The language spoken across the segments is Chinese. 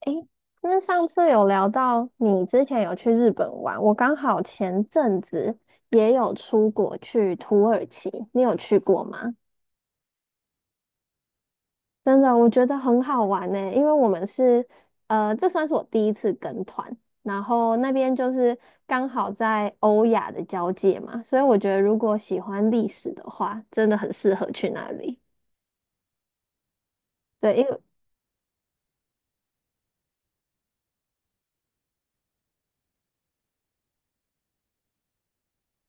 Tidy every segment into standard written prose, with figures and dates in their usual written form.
诶，那上次有聊到你之前有去日本玩，我刚好前阵子也有出国去土耳其，你有去过吗？真的，我觉得很好玩呢，因为我们是，这算是我第一次跟团，然后那边就是刚好在欧亚的交界嘛，所以我觉得如果喜欢历史的话，真的很适合去那里。对，因为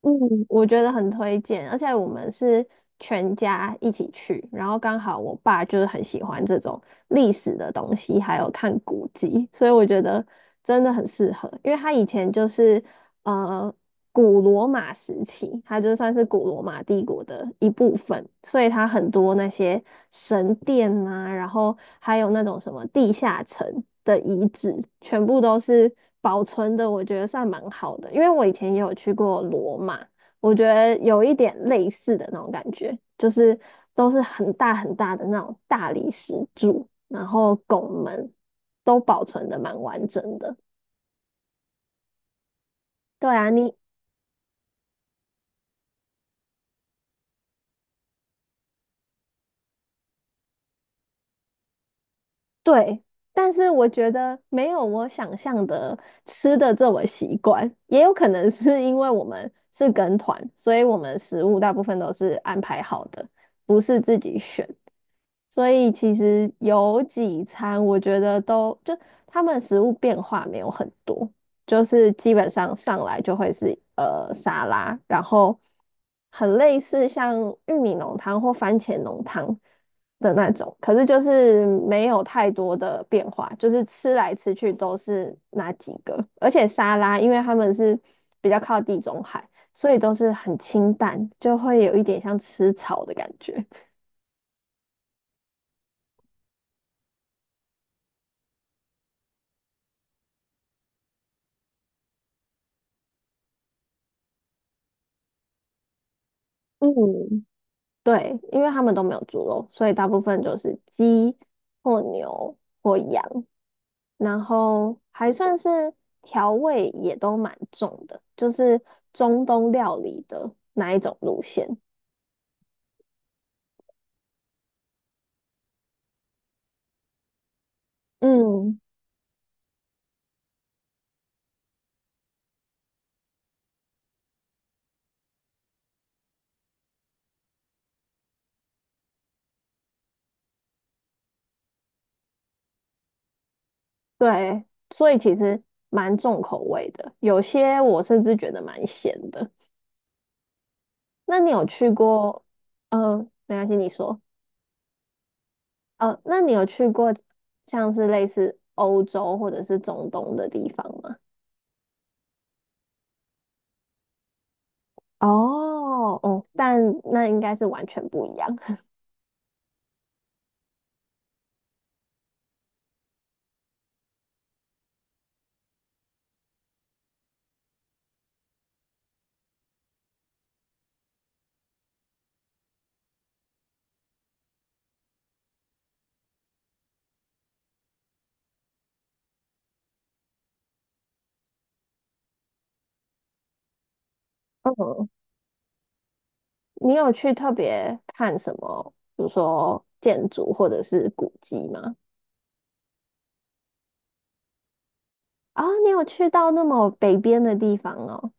嗯，我觉得很推荐，而且我们是全家一起去，然后刚好我爸就是很喜欢这种历史的东西，还有看古迹，所以我觉得真的很适合，因为他以前就是呃古罗马时期，它就算是古罗马帝国的一部分，所以它很多那些神殿啊，然后还有那种什么地下城的遗址，全部都是保存的，我觉得算蛮好的。因为我以前也有去过罗马，我觉得有一点类似的那种感觉，就是都是很大很大的那种大理石柱，然后拱门都保存的蛮完整的。对啊，你对，但是我觉得没有我想象的吃的这么习惯，也有可能是因为我们是跟团，所以我们食物大部分都是安排好的，不是自己选。所以其实有几餐，我觉得都就他们食物变化没有很多，就是基本上上来就会是沙拉，然后很类似像玉米浓汤或番茄浓汤的那种，可是就是没有太多的变化，就是吃来吃去都是那几个，而且沙拉因为他们是比较靠地中海，所以都是很清淡，就会有一点像吃草的感觉。嗯对，因为他们都没有猪肉，所以大部分就是鸡或牛或羊，然后还算是调味也都蛮重的，就是中东料理的那一种路线。嗯，对，所以其实蛮重口味的，有些我甚至觉得蛮咸的。那你有去过？嗯，没关系，你说。那你有去过像是类似欧洲或者是中东的地方吗？哦哦，但那应该是完全不一样。嗯，你有去特别看什么，比如说建筑或者是古迹吗？啊、你有去到那么北边的地方哦？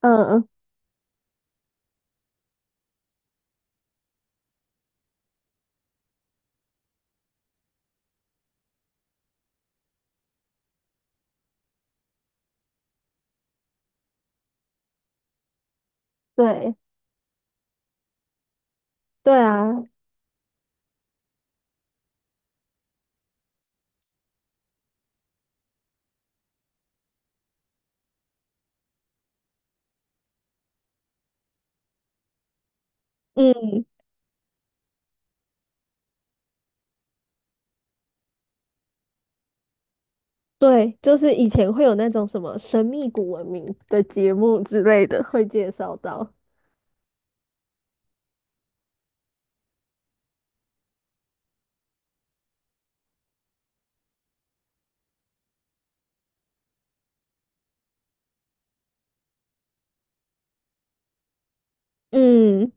嗯，对，对啊，嗯，对，就是以前会有那种什么神秘古文明的节目之类的，会介绍到。嗯，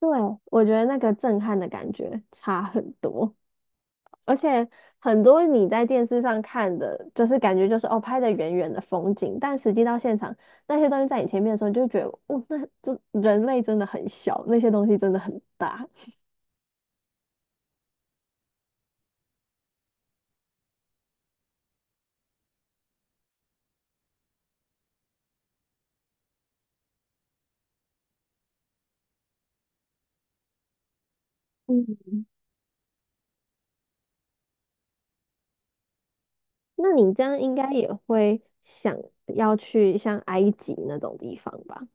对，我觉得那个震撼的感觉差很多。而且很多你在电视上看的，就是感觉就是哦拍的远远的风景，但实际到现场那些东西在你前面的时候，你就觉得哦，那这人类真的很小，那些东西真的很大。嗯，那你这样应该也会想要去像埃及那种地方吧？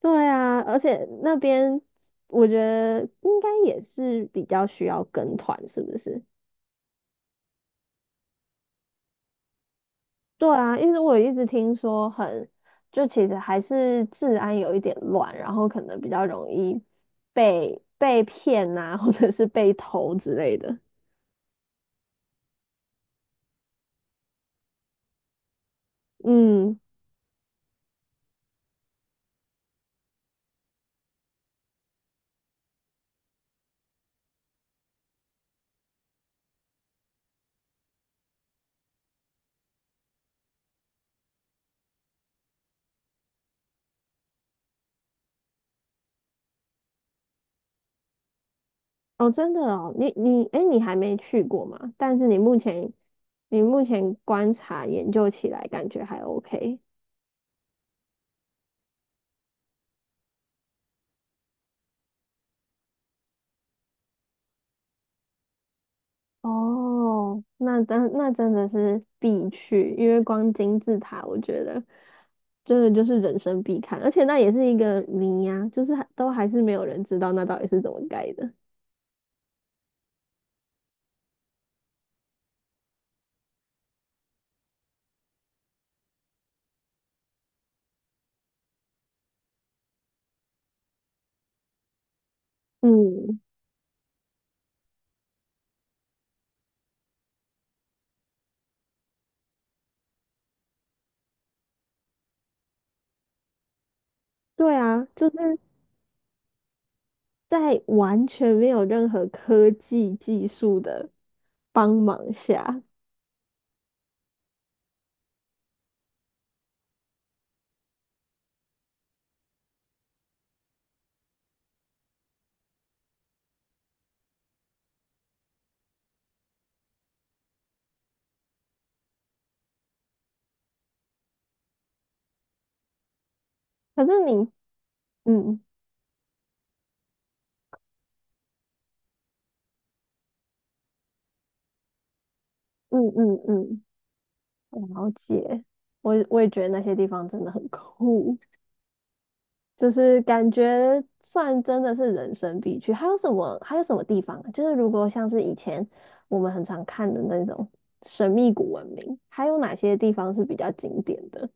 对啊，而且那边我觉得应该也是比较需要跟团，是不是？对啊，因为我一直听说很，就其实还是治安有一点乱，然后可能比较容易被骗呐，或者是被偷之类的。嗯，哦，真的哦，你哎，诶你还没去过吗？但是你目前你目前观察研究起来，感觉还 OK。哦，那真的是必去，因为光金字塔，我觉得。真的就是人生必看，而且那也是一个谜呀、就是还都还是没有人知道那到底是怎么盖的。嗯，对啊，就是在完全没有任何科技技术的帮忙下，可是你，嗯嗯，我了解，我也觉得那些地方真的很酷。就是感觉算真的是人生必去。还有什么？还有什么地方啊？就是如果像是以前我们很常看的那种神秘古文明，还有哪些地方是比较经典的？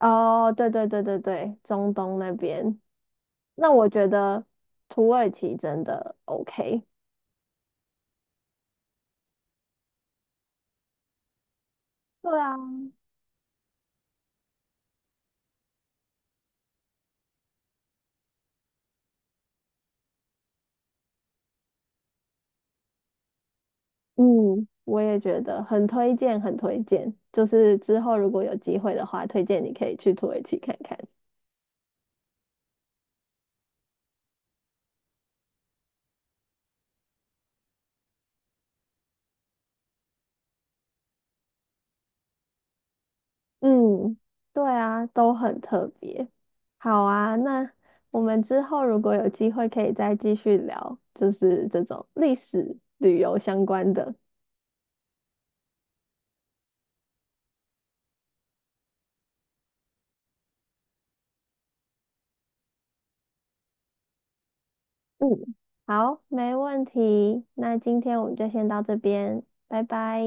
哦，对对对对对，中东那边。那我觉得土耳其真的 OK。对啊，嗯，我也觉得很推荐，很推荐。就是之后如果有机会的话，推荐你可以去土耳其看看。嗯，对啊，都很特别。好啊，那我们之后如果有机会，可以再继续聊，就是这种历史旅游相关的。嗯，好，没问题。那今天我们就先到这边，拜拜。